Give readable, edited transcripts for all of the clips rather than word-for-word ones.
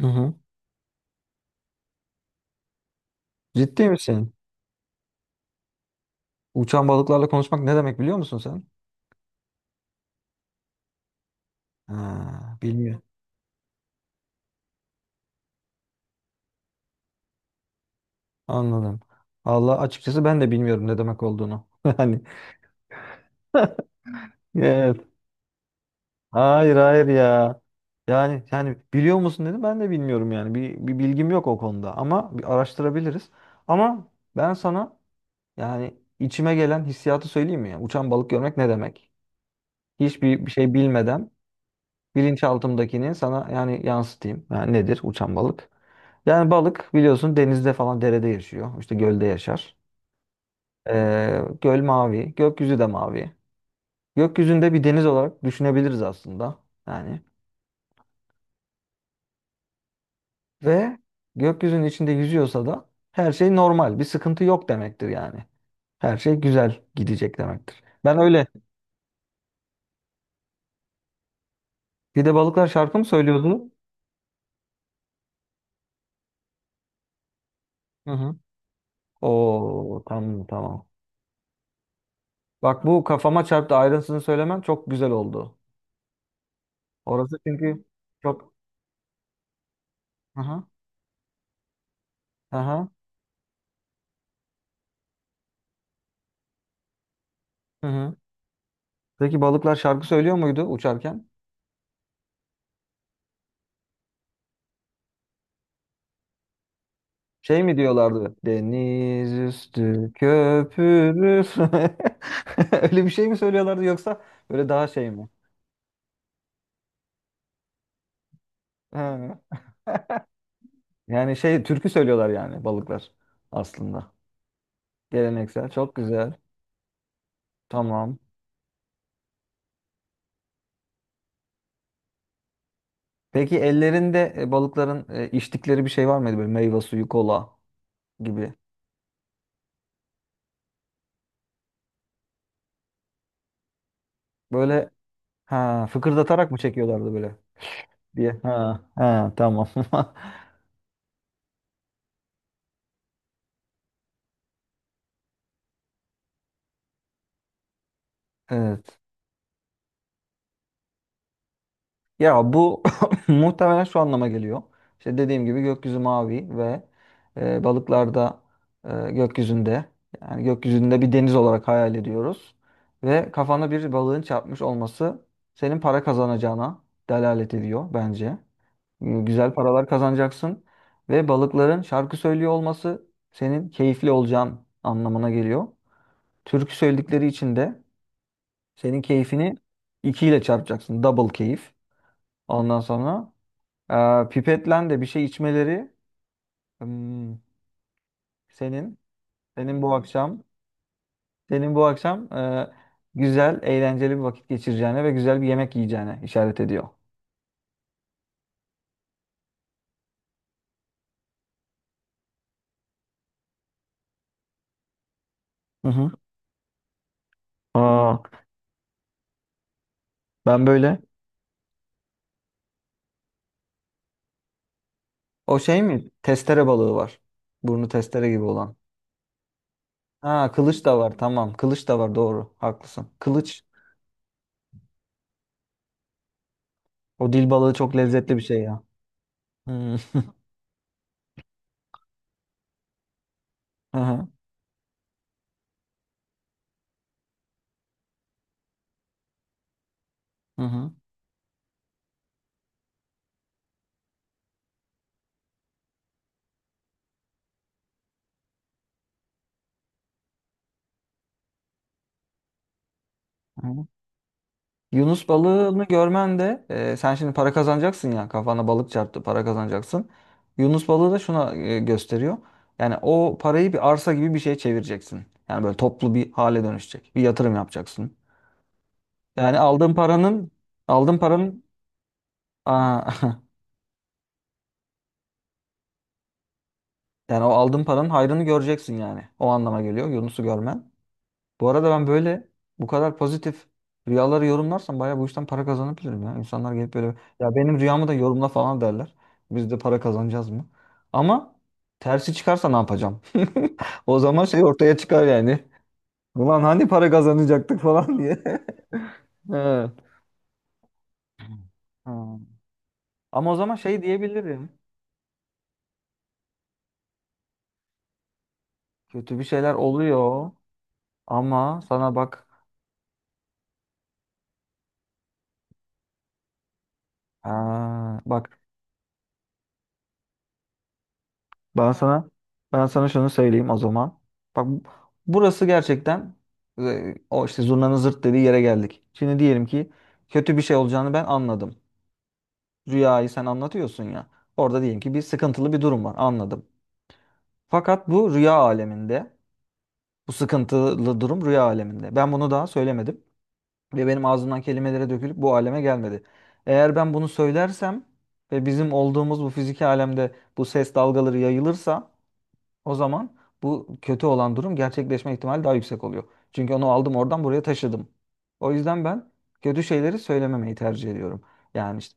Hı hı. Ciddi misin? Uçan balıklarla konuşmak ne demek biliyor musun sen? Ha, bilmiyorum. Anladım. Allah açıkçası ben de bilmiyorum ne demek olduğunu. Yani evet. Hayır hayır ya. Yani biliyor musun dedim ben de bilmiyorum yani. Bir bilgim yok o konuda ama bir araştırabiliriz. Ama ben sana yani içime gelen hissiyatı söyleyeyim mi, ya? Uçan balık görmek ne demek? Hiçbir şey bilmeden bilinçaltımdakini sana yani yansıtayım. Yani nedir uçan balık? Yani balık biliyorsun denizde falan derede yaşıyor. İşte gölde yaşar. Göl mavi, gökyüzü de mavi. Gökyüzünde bir deniz olarak düşünebiliriz aslında. Yani ve gökyüzünün içinde yüzüyorsa da her şey normal, bir sıkıntı yok demektir yani. Her şey güzel gidecek demektir. Ben öyle. Bir de balıklar şarkı mı söylüyordu? Hı hı. Oo, tamam tamam. Bak bu kafama çarptı ayrıntısını söylemen çok güzel oldu. Orası çünkü çok... aha, aha, hı hı. Peki balıklar şarkı söylüyor muydu uçarken? Şey mi diyorlardı? Deniz üstü köpürür. Öyle bir şey mi söylüyorlardı yoksa böyle daha şey mi? Ha. Yani şey türkü söylüyorlar yani balıklar aslında. Geleneksel çok güzel. Tamam. Peki ellerinde balıkların içtikleri bir şey var mıydı böyle meyve suyu, kola gibi? Böyle ha fıkırdatarak mı çekiyorlardı böyle diye. Ha ha, tamam. Evet. Ya bu muhtemelen şu anlama geliyor. İşte dediğim gibi gökyüzü mavi ve balıklarda gökyüzünde yani gökyüzünde bir deniz olarak hayal ediyoruz. Ve kafana bir balığın çarpmış olması senin para kazanacağına delalet ediyor bence. Hmm, güzel paralar kazanacaksın ve balıkların şarkı söylüyor olması senin keyifli olacağın anlamına geliyor. Türkü söyledikleri için de senin keyfini 2 ile çarpacaksın. Double keyif. Ondan sonra pipetlen de bir şey içmeleri hmm, senin senin bu akşam senin bu akşam güzel eğlenceli bir vakit geçireceğine ve güzel bir yemek yiyeceğine işaret ediyor. Hı hı. Aa, ben böyle. O şey mi? Testere balığı var. Burnu testere gibi olan. Ha kılıç da var tamam. Kılıç da var doğru. Haklısın. Kılıç. O dil balığı çok lezzetli bir şey ya. Hmm. Hı hı. Hı hı. Hı. Yunus balığını görmen de sen şimdi para kazanacaksın ya kafana balık çarptı para kazanacaksın. Yunus balığı da şuna gösteriyor. Yani o parayı bir arsa gibi bir şeye çevireceksin. Yani böyle toplu bir hale dönüşecek. Bir yatırım yapacaksın. Yani aldığın paranın aa, yani o aldığın paranın hayrını göreceksin yani. O anlama geliyor Yunus'u görmen. Bu arada ben böyle bu kadar pozitif rüyaları yorumlarsam bayağı bu işten para kazanabilirim ya. İnsanlar gelip böyle ya benim rüyamı da yorumla falan derler. Biz de para kazanacağız mı? Ama tersi çıkarsa ne yapacağım? O zaman şey ortaya çıkar yani. Ulan hani para kazanacaktık falan diye. Evet. Ha. Ama o zaman şey diyebilirim. Kötü bir şeyler oluyor ama sana bak ha, bak Ben sana ben sana şunu söyleyeyim o zaman. Bak bu- burası gerçekten o işte zurnanın zırt dediği yere geldik. Şimdi diyelim ki kötü bir şey olacağını ben anladım. Rüyayı sen anlatıyorsun ya. Orada diyelim ki bir sıkıntılı bir durum var anladım. Fakat bu rüya aleminde bu sıkıntılı durum rüya aleminde. Ben bunu daha söylemedim ve benim ağzımdan kelimelere dökülüp bu aleme gelmedi. Eğer ben bunu söylersem ve bizim olduğumuz bu fiziki alemde bu ses dalgaları yayılırsa o zaman bu kötü olan durum gerçekleşme ihtimali daha yüksek oluyor. Çünkü onu aldım oradan buraya taşıdım. O yüzden ben kötü şeyleri söylememeyi tercih ediyorum. Yani işte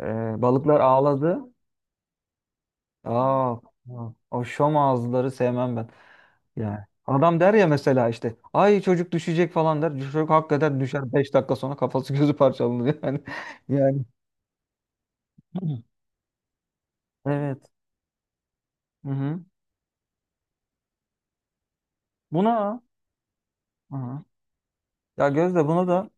balıklar ağladı. Aa, o şom ağızları sevmem ben. Yani adam der ya mesela işte ay çocuk düşecek falan der. Çocuk hakikaten düşer 5 dakika sonra kafası gözü parçalanır yani. Yani. Evet. Hı hı. Buna hı hı. Ya Gözde buna da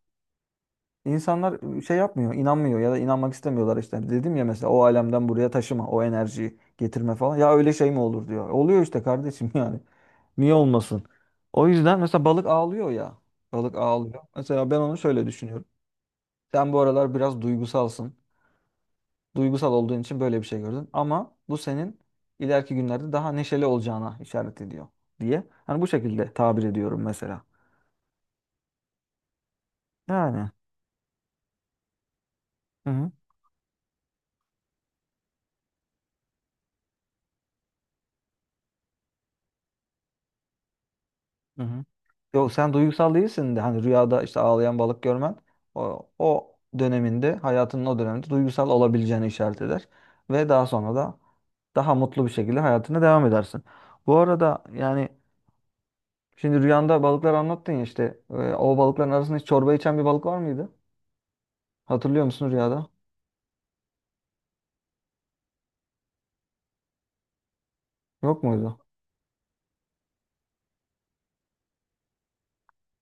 İnsanlar şey yapmıyor, inanmıyor ya da inanmak istemiyorlar işte. Dedim ya mesela o alemden buraya taşıma, o enerjiyi getirme falan. Ya öyle şey mi olur diyor. Oluyor işte kardeşim yani. Niye olmasın? O yüzden mesela balık ağlıyor ya. Balık ağlıyor. Mesela ben onu şöyle düşünüyorum. Sen bu aralar biraz duygusalsın. Duygusal olduğun için böyle bir şey gördün. Ama bu senin ileriki günlerde daha neşeli olacağına işaret ediyor diye. Hani bu şekilde tabir ediyorum mesela. Yani. Hı hı. Hı hı. Yok sen duygusal değilsin de hani rüyada işte ağlayan balık görmen o döneminde hayatının o döneminde duygusal olabileceğini işaret eder. Ve daha sonra da daha mutlu bir şekilde hayatına devam edersin. Bu arada yani şimdi rüyanda balıklar anlattın ya işte o balıkların arasında hiç çorba içen bir balık var mıydı? Hatırlıyor musun rüyada? Yok muydu?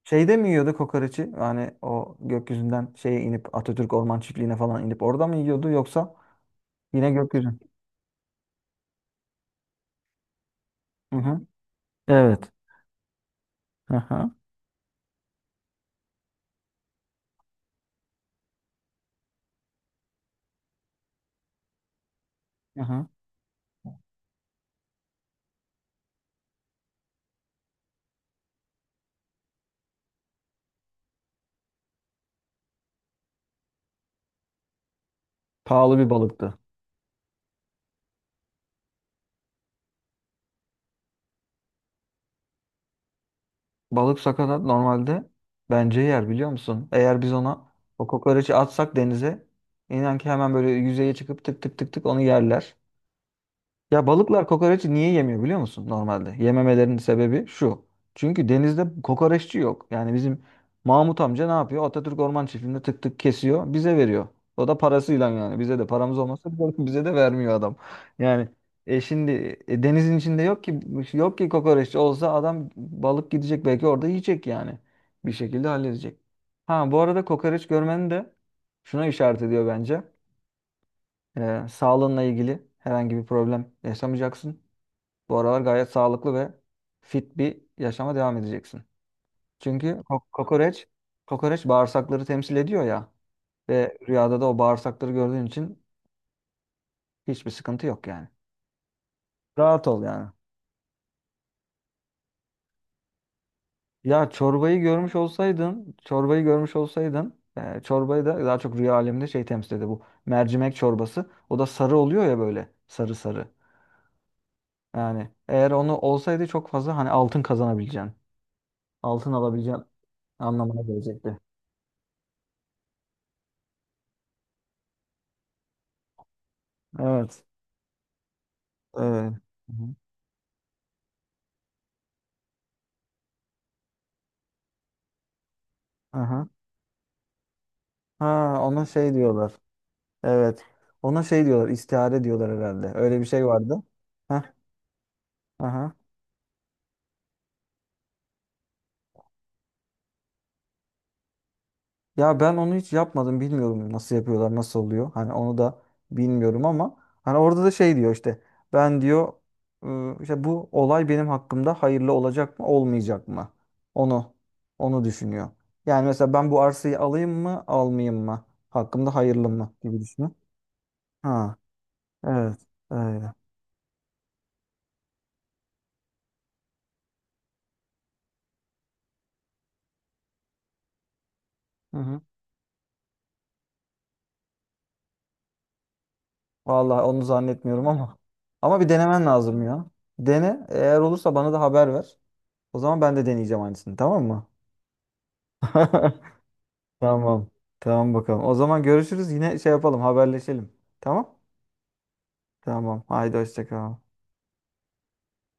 Şeyde mi yiyordu kokoreçi? Yani o gökyüzünden şeye inip Atatürk Orman Çiftliği'ne falan inip orada mı yiyordu yoksa yine gökyüzü? Hı hı. Evet. Hı hı. Hı hı. Pahalı bir balıktı. Balık sakatat normalde bence yer biliyor musun? Eğer biz ona o kokoreçi atsak denize inan ki hemen böyle yüzeye çıkıp tık tık tık tık onu yerler. Ya balıklar kokoreçi niye yemiyor biliyor musun normalde? Yememelerinin sebebi şu. Çünkü denizde kokoreççi yok. Yani bizim Mahmut amca ne yapıyor? Atatürk Orman Çiftliği'nde tık tık kesiyor, bize veriyor. O da parasıyla yani. Bize de paramız olmasa bize de vermiyor adam. Yani şimdi denizin içinde yok ki kokoreççi olsa adam balık gidecek belki orada yiyecek yani. Bir şekilde halledecek. Ha bu arada kokoreç görmenin de şuna işaret ediyor bence. Sağlığınla ilgili herhangi bir problem yaşamayacaksın. Bu aralar gayet sağlıklı ve fit bir yaşama devam edeceksin. Çünkü kokoreç, kokoreç bağırsakları temsil ediyor ya ve rüyada da o bağırsakları gördüğün için hiçbir sıkıntı yok yani. Rahat ol yani. Ya çorbayı görmüş olsaydın, çorbayı da daha çok rüya aleminde şey temsil ediyor bu mercimek çorbası. O da sarı oluyor ya böyle sarı sarı. Yani eğer onu olsaydı çok fazla hani altın kazanabileceğin, altın alabileceğin anlamına gelecekti. Evet. Hı hı. Aha. Ha ona şey diyorlar. Evet. Ona şey diyorlar. İstihare diyorlar herhalde. Öyle bir şey vardı. Heh. Aha. Ya ben onu hiç yapmadım. Bilmiyorum nasıl yapıyorlar, nasıl oluyor. Hani onu da bilmiyorum ama hani orada da şey diyor işte. Ben diyor işte bu olay benim hakkımda hayırlı olacak mı, olmayacak mı? Onu onu düşünüyor. Yani mesela ben bu arsayı alayım mı, almayayım mı? Hakkımda hayırlı mı gibi düşünüyor. Ha. Evet. Öyle. Vallahi onu zannetmiyorum ama. Ama bir denemen lazım ya. Dene. Eğer olursa bana da haber ver. O zaman ben de deneyeceğim aynısını, tamam mı? Tamam. Tamam bakalım. O zaman görüşürüz. Yine şey yapalım, haberleşelim. Tamam? Tamam. Haydi hoşça kal.